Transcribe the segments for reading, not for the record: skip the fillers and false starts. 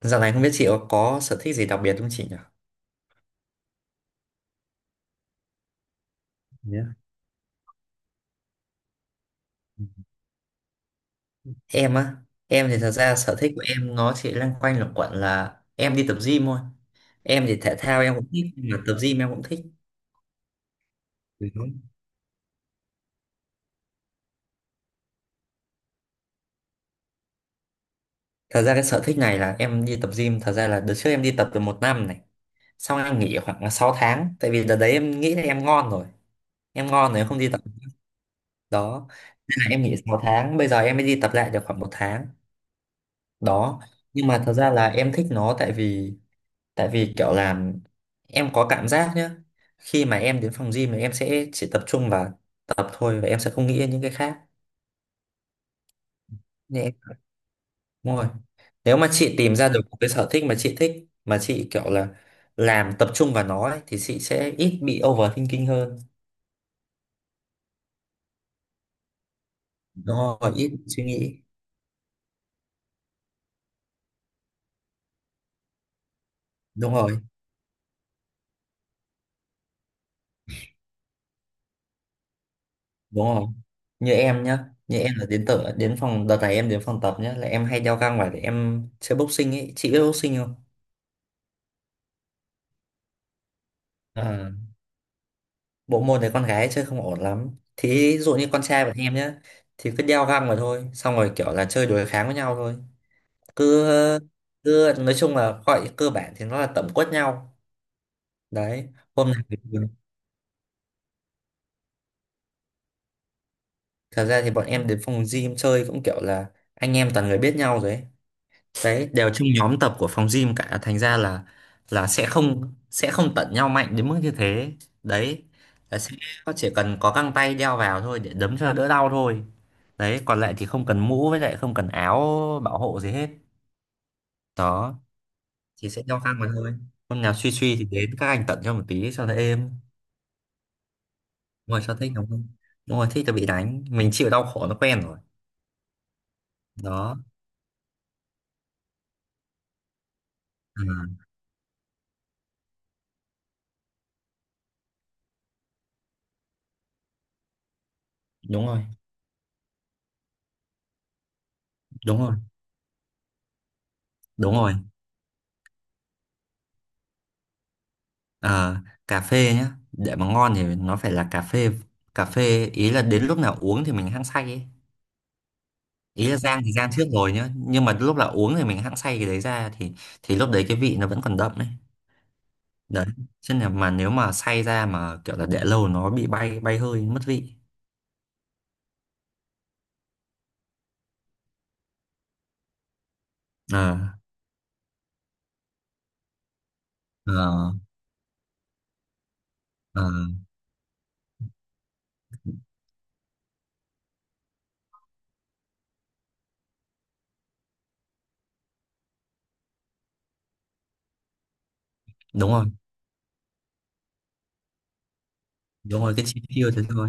Dạo này không biết chị có sở thích gì đặc biệt không chị nhỉ? Nhé. Em á, em thì thật ra sở thích của em nó chỉ loanh quanh luẩn quẩn là em đi tập gym thôi. Em thì thể thao em cũng thích, mà tập gym em cũng thích. Thật ra cái sở thích này là em đi tập gym, thật ra là đợt trước em đi tập được một năm này. Xong em nghỉ khoảng là 6 tháng, tại vì đợt đấy em nghĩ là em ngon rồi. Em ngon rồi em không đi tập đó. Thế là em nghỉ 6 tháng, bây giờ em mới đi tập lại được khoảng một tháng. Đó, nhưng mà thật ra là em thích nó tại vì kiểu là em có cảm giác nhá, khi mà em đến phòng gym thì em sẽ chỉ tập trung vào tập thôi và em sẽ không nghĩ đến những cái khác nên em, đúng rồi, nếu mà chị tìm ra được một cái sở thích mà chị kiểu là làm tập trung vào nó ấy, thì chị sẽ ít bị overthinking hơn, đúng rồi, ít suy nghĩ. Đúng rồi, đúng rồi, như em nhá, như em là đến tập, đến phòng, đợt này em đến phòng tập nhá là em hay đeo găng vào để em chơi boxing ấy, chị biết boxing không? À, bộ môn này con gái chơi không ổn lắm thì, ví dụ như con trai bọn em nhá, thì cứ đeo găng vào thôi, xong rồi kiểu là chơi đối kháng với nhau thôi, cứ cứ nói chung là gọi cơ bản thì nó là tẩm quất nhau đấy. Hôm nào thì thật ra thì bọn em đến phòng gym chơi cũng kiểu là anh em toàn người biết nhau rồi ấy. Đấy, đều trong nhóm tập của phòng gym cả, thành ra là sẽ không tận nhau mạnh đến mức như thế đấy, là sẽ chỉ cần có găng tay đeo vào thôi để đấm cho đỡ đau thôi, đấy còn lại thì không cần mũ với lại không cần áo bảo hộ gì hết đó, thì sẽ đeo găng mà thôi. Hôm nào suy suy thì đến các anh tận cho một tí cho nó êm, ngồi cho thích đúng không. Đúng rồi, thích là bị đánh, mình chịu đau khổ nó quen rồi đó. À, đúng rồi, đúng rồi, đúng rồi. Ờ, cà phê nhá, để mà ngon thì nó phải là cà phê ý là đến lúc nào uống thì mình hăng say ấy. Ý là rang thì rang trước rồi nhá, nhưng mà lúc là uống thì mình hăng say cái đấy ra thì lúc đấy cái vị nó vẫn còn đậm đấy đấy, chứ là mà nếu mà say ra mà kiểu là để lâu nó bị bay bay hơi mất vị. Ờ. Ờ. Ờ. Đúng rồi. Đúng rồi, cái chi tiêu thế thôi,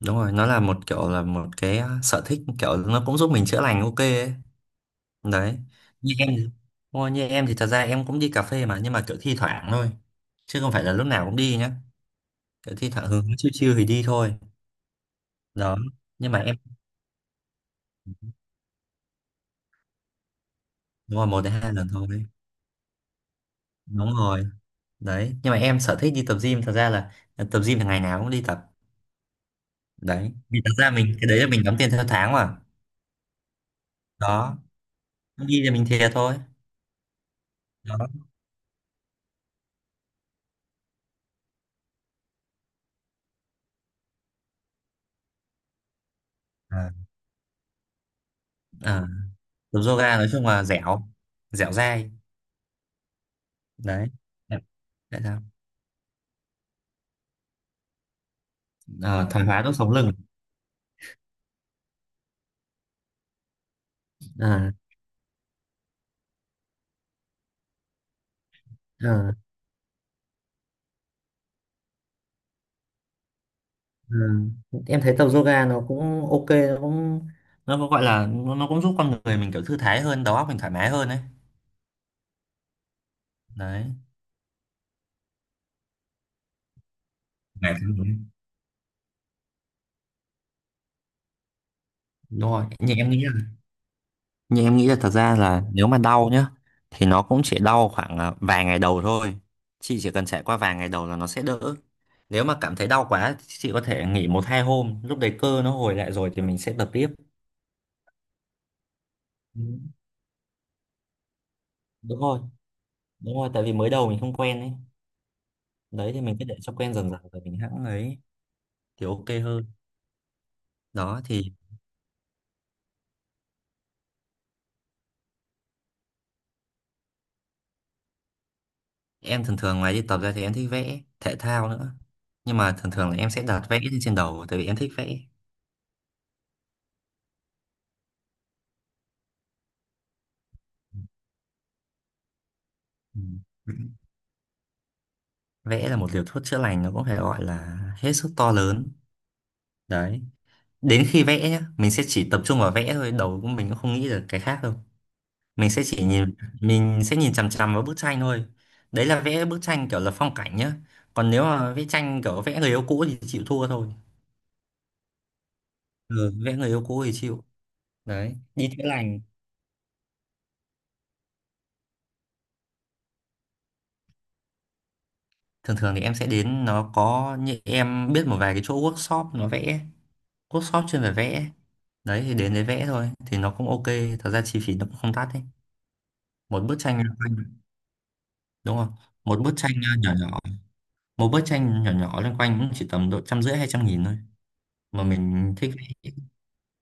đúng rồi, nó là một kiểu là một cái sở thích kiểu nó cũng giúp mình chữa lành ok ấy đấy. như em thì- Ôi, như em thì thật ra em cũng đi cà phê mà, nhưng mà kiểu thi thoảng thôi chứ không phải là lúc nào cũng đi nhá, kiểu thi thoảng hứng chiêu chiêu thì đi thôi đó. Nhưng mà em, đúng rồi, một đến hai lần thôi đấy. Đúng rồi đấy, nhưng mà em sở thích đi tập gym thật ra là tập gym là ngày nào cũng đi tập đấy, vì thật ra mình cái đấy là mình đóng tiền theo tháng mà đó, không đi thì mình thiệt thôi đó. À, à, tập yoga nói chung là dẻo dẻo dai đấy. Đấy sao? Ờ, thoái hóa đốt sống lưng. À, ờ. Ừ. Em thấy tập yoga nó cũng ok, nó cũng nó có gọi là nó cũng giúp con người mình kiểu thư thái hơn, đầu óc mình thoải mái hơn đấy đấy. Ngày thứ mấy? Đúng rồi, nhưng em nghĩ là thật ra là nếu mà đau nhá thì nó cũng chỉ đau khoảng vài ngày đầu thôi, chị chỉ cần trải qua vài ngày đầu là nó sẽ đỡ. Nếu mà cảm thấy đau quá thì chị có thể nghỉ một hai hôm, lúc đấy cơ nó hồi lại rồi thì mình sẽ tập tiếp. Ừ, đúng rồi, đúng rồi, tại vì mới đầu mình không quen ấy, đấy thì mình cứ để cho quen dần dần rồi mình hãng ấy thì ok hơn. Đó thì em thường thường ngoài đi tập ra thì em thích vẽ thể thao nữa. Nhưng mà thường thường là em sẽ đặt vẽ lên trên đầu tại vì em thích vẽ. Ừ. Vẽ là một liều thuốc chữa lành nó cũng phải gọi là hết sức to lớn. Đấy. Đến khi vẽ nhá, mình sẽ chỉ tập trung vào vẽ thôi, đầu của mình cũng không nghĩ được cái khác đâu. Mình sẽ chỉ nhìn mình sẽ nhìn chằm chằm vào bức tranh thôi. Đấy là vẽ bức tranh kiểu là phong cảnh nhá. Còn nếu mà vẽ tranh kiểu vẽ người yêu cũ thì chịu thua thôi. Ừ, vẽ người yêu cũ thì chịu. Đấy, đi chữa lành. Thường thường thì em sẽ đến, nó có như em biết một vài cái chỗ workshop nó vẽ, workshop chuyên về vẽ đấy, thì đến đấy vẽ thôi thì nó cũng ok, thật ra chi phí nó cũng không đắt đấy. Một bức tranh loanh quanh, đúng không, một bức tranh nhỏ nhỏ, một bức tranh nhỏ nhỏ loanh quanh cũng chỉ tầm độ 150 200.000 thôi, mà mình thích vẽ.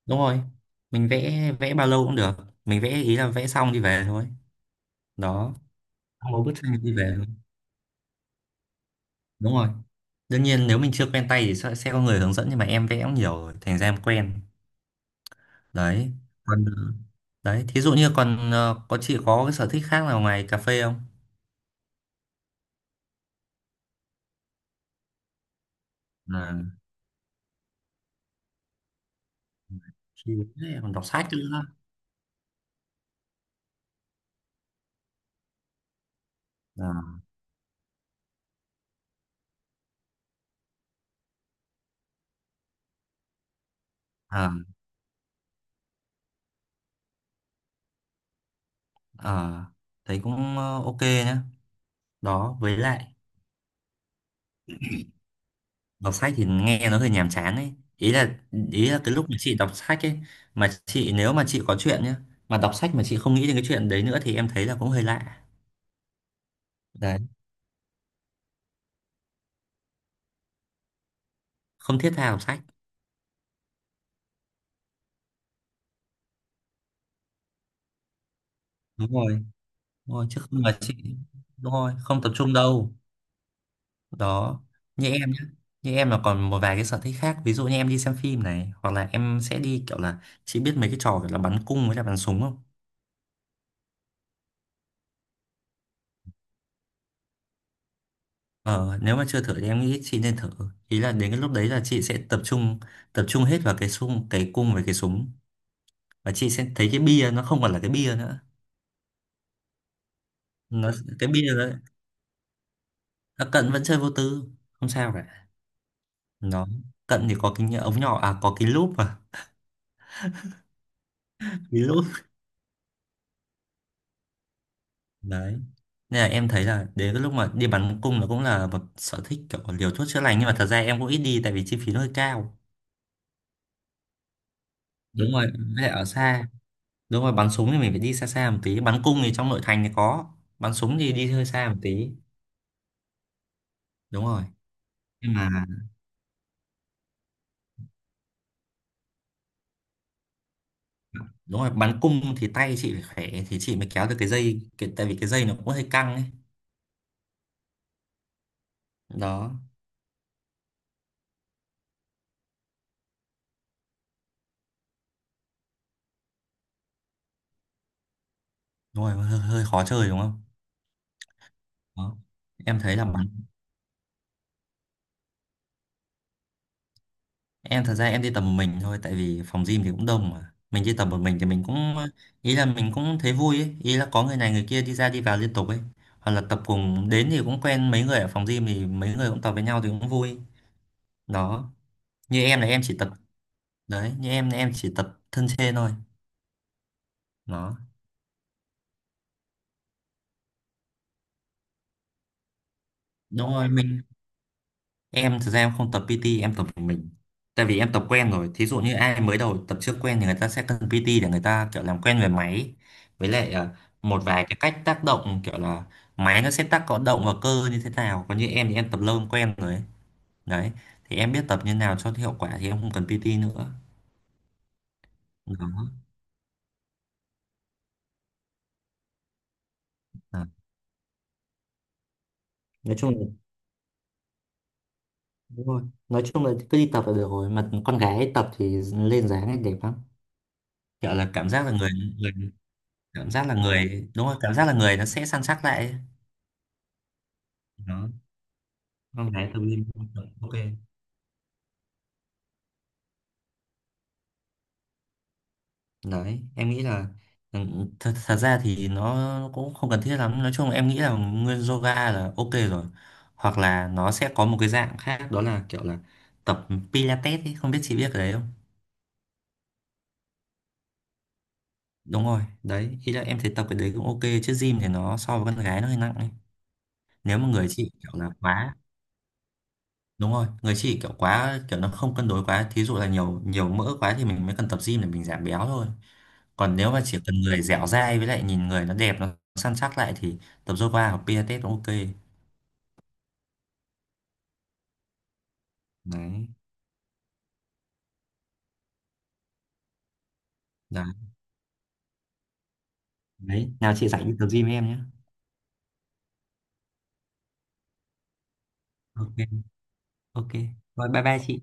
Đúng rồi, mình vẽ vẽ bao lâu cũng được, mình vẽ ý là vẽ xong đi về thôi đó. Xong một bức tranh đi về thôi. Đúng rồi, đương nhiên nếu mình chưa quen tay thì sẽ có người hướng dẫn, nhưng mà em vẽ cũng nhiều rồi thành ra em quen đấy. Còn đấy, thí dụ như còn có chị có cái sở thích khác nào ngoài cà phê không? À, thì còn đọc sách nữa. À, à, à, thấy cũng ok nhá đó. Với lại đọc sách thì nghe nó hơi nhàm chán ấy, ý là cái lúc mà chị đọc sách ấy, mà chị nếu mà chị có chuyện nhá mà đọc sách mà chị không nghĩ đến cái chuyện đấy nữa thì em thấy là cũng hơi lạ đấy, không thiết tha đọc sách, đúng rồi, đúng rồi chứ không là chị, đúng rồi không tập trung đâu đó. Như em nhé, như em là còn một vài cái sở thích khác, ví dụ như em đi xem phim này hoặc là em sẽ đi kiểu là, chị biết mấy cái trò kiểu là bắn cung với là bắn súng không? Ờ, nếu mà chưa thử thì em nghĩ chị nên thử, ý là đến cái lúc đấy là chị sẽ tập trung hết vào cái súng, cái cung với cái súng, và chị sẽ thấy cái bia nó không còn là cái bia nữa. Nó cái bia nó cận vẫn chơi vô tư, không sao cả. Nó cận thì có cái ống nhỏ, à có cái lúp mà. Cái lúp đấy, nên là em thấy là đến cái lúc mà đi bắn cung là cũng là một sở thích kiểu liều thuốc chữa lành, nhưng mà thật ra em cũng ít đi tại vì chi phí nó hơi cao. Đúng rồi, với lại ở xa, đúng rồi bắn súng thì mình phải đi xa xa một tí, bắn cung thì trong nội thành thì có, bắn súng thì đi hơi xa một tí. Đúng rồi, nhưng mà đúng rồi bắn cung thì tay chị phải khỏe thì chị mới kéo được cái dây tại vì cái dây nó cũng hơi căng ấy đó. Đúng rồi, hơi khó chơi đúng không đó. Em thấy là bắn. Em thật ra em đi tập một mình thôi tại vì phòng gym thì cũng đông mà. Mình đi tập một mình thì mình cũng ý là mình cũng thấy vui ấy, ý là có người này người kia đi ra đi vào liên tục ấy. Hoặc là tập cùng đến thì cũng quen mấy người ở phòng gym thì mấy người cũng tập với nhau thì cũng vui. Đó. Như em là em chỉ tập đấy, như em là em chỉ tập thân trên thôi. Đó. Đúng rồi, mình. Em thực ra em không tập PT, em tập một mình. Tại vì em tập quen rồi. Thí dụ như ai mới đầu tập chưa quen thì người ta sẽ cần PT để người ta kiểu làm quen về máy. Với lại một vài cái cách tác động kiểu là máy nó sẽ tác có động vào cơ như thế nào. Còn như em thì em tập lâu em quen rồi ấy. Đấy. Thì em biết tập như nào cho hiệu quả thì em không cần PT nữa. Đó. À. Nói chung là đúng rồi. Nói chung là cứ đi tập là được rồi. Mà con gái tập thì lên dáng ấy đẹp lắm. Kiểu là cảm giác là người cảm giác là người đúng rồi cảm giác là người nó sẽ săn sắc lại ấy, không thấy tự nhiên. Ok đấy, em nghĩ là ừ, thật ra thì nó cũng không cần thiết lắm, nói chung em nghĩ là nguyên yoga là ok rồi, hoặc là nó sẽ có một cái dạng khác đó là kiểu là tập Pilates ấy, không biết chị biết cái đấy không. Đúng rồi đấy, ý là em thấy tập cái đấy cũng ok, chứ gym thì nó so với con gái nó hơi nặng ấy, nếu mà người chị kiểu là quá, đúng rồi người chị kiểu quá kiểu nó không cân đối quá, thí dụ là nhiều nhiều mỡ quá thì mình mới cần tập gym để mình giảm béo thôi. Còn nếu mà chỉ cần người dẻo dai với lại nhìn người nó đẹp nó săn chắc lại thì tập yoga hoặc pilates cũng ok. Đấy, đấy, đấy, nào chị rảnh đi tập gym với em nhé. Ok, ok rồi bye bye chị.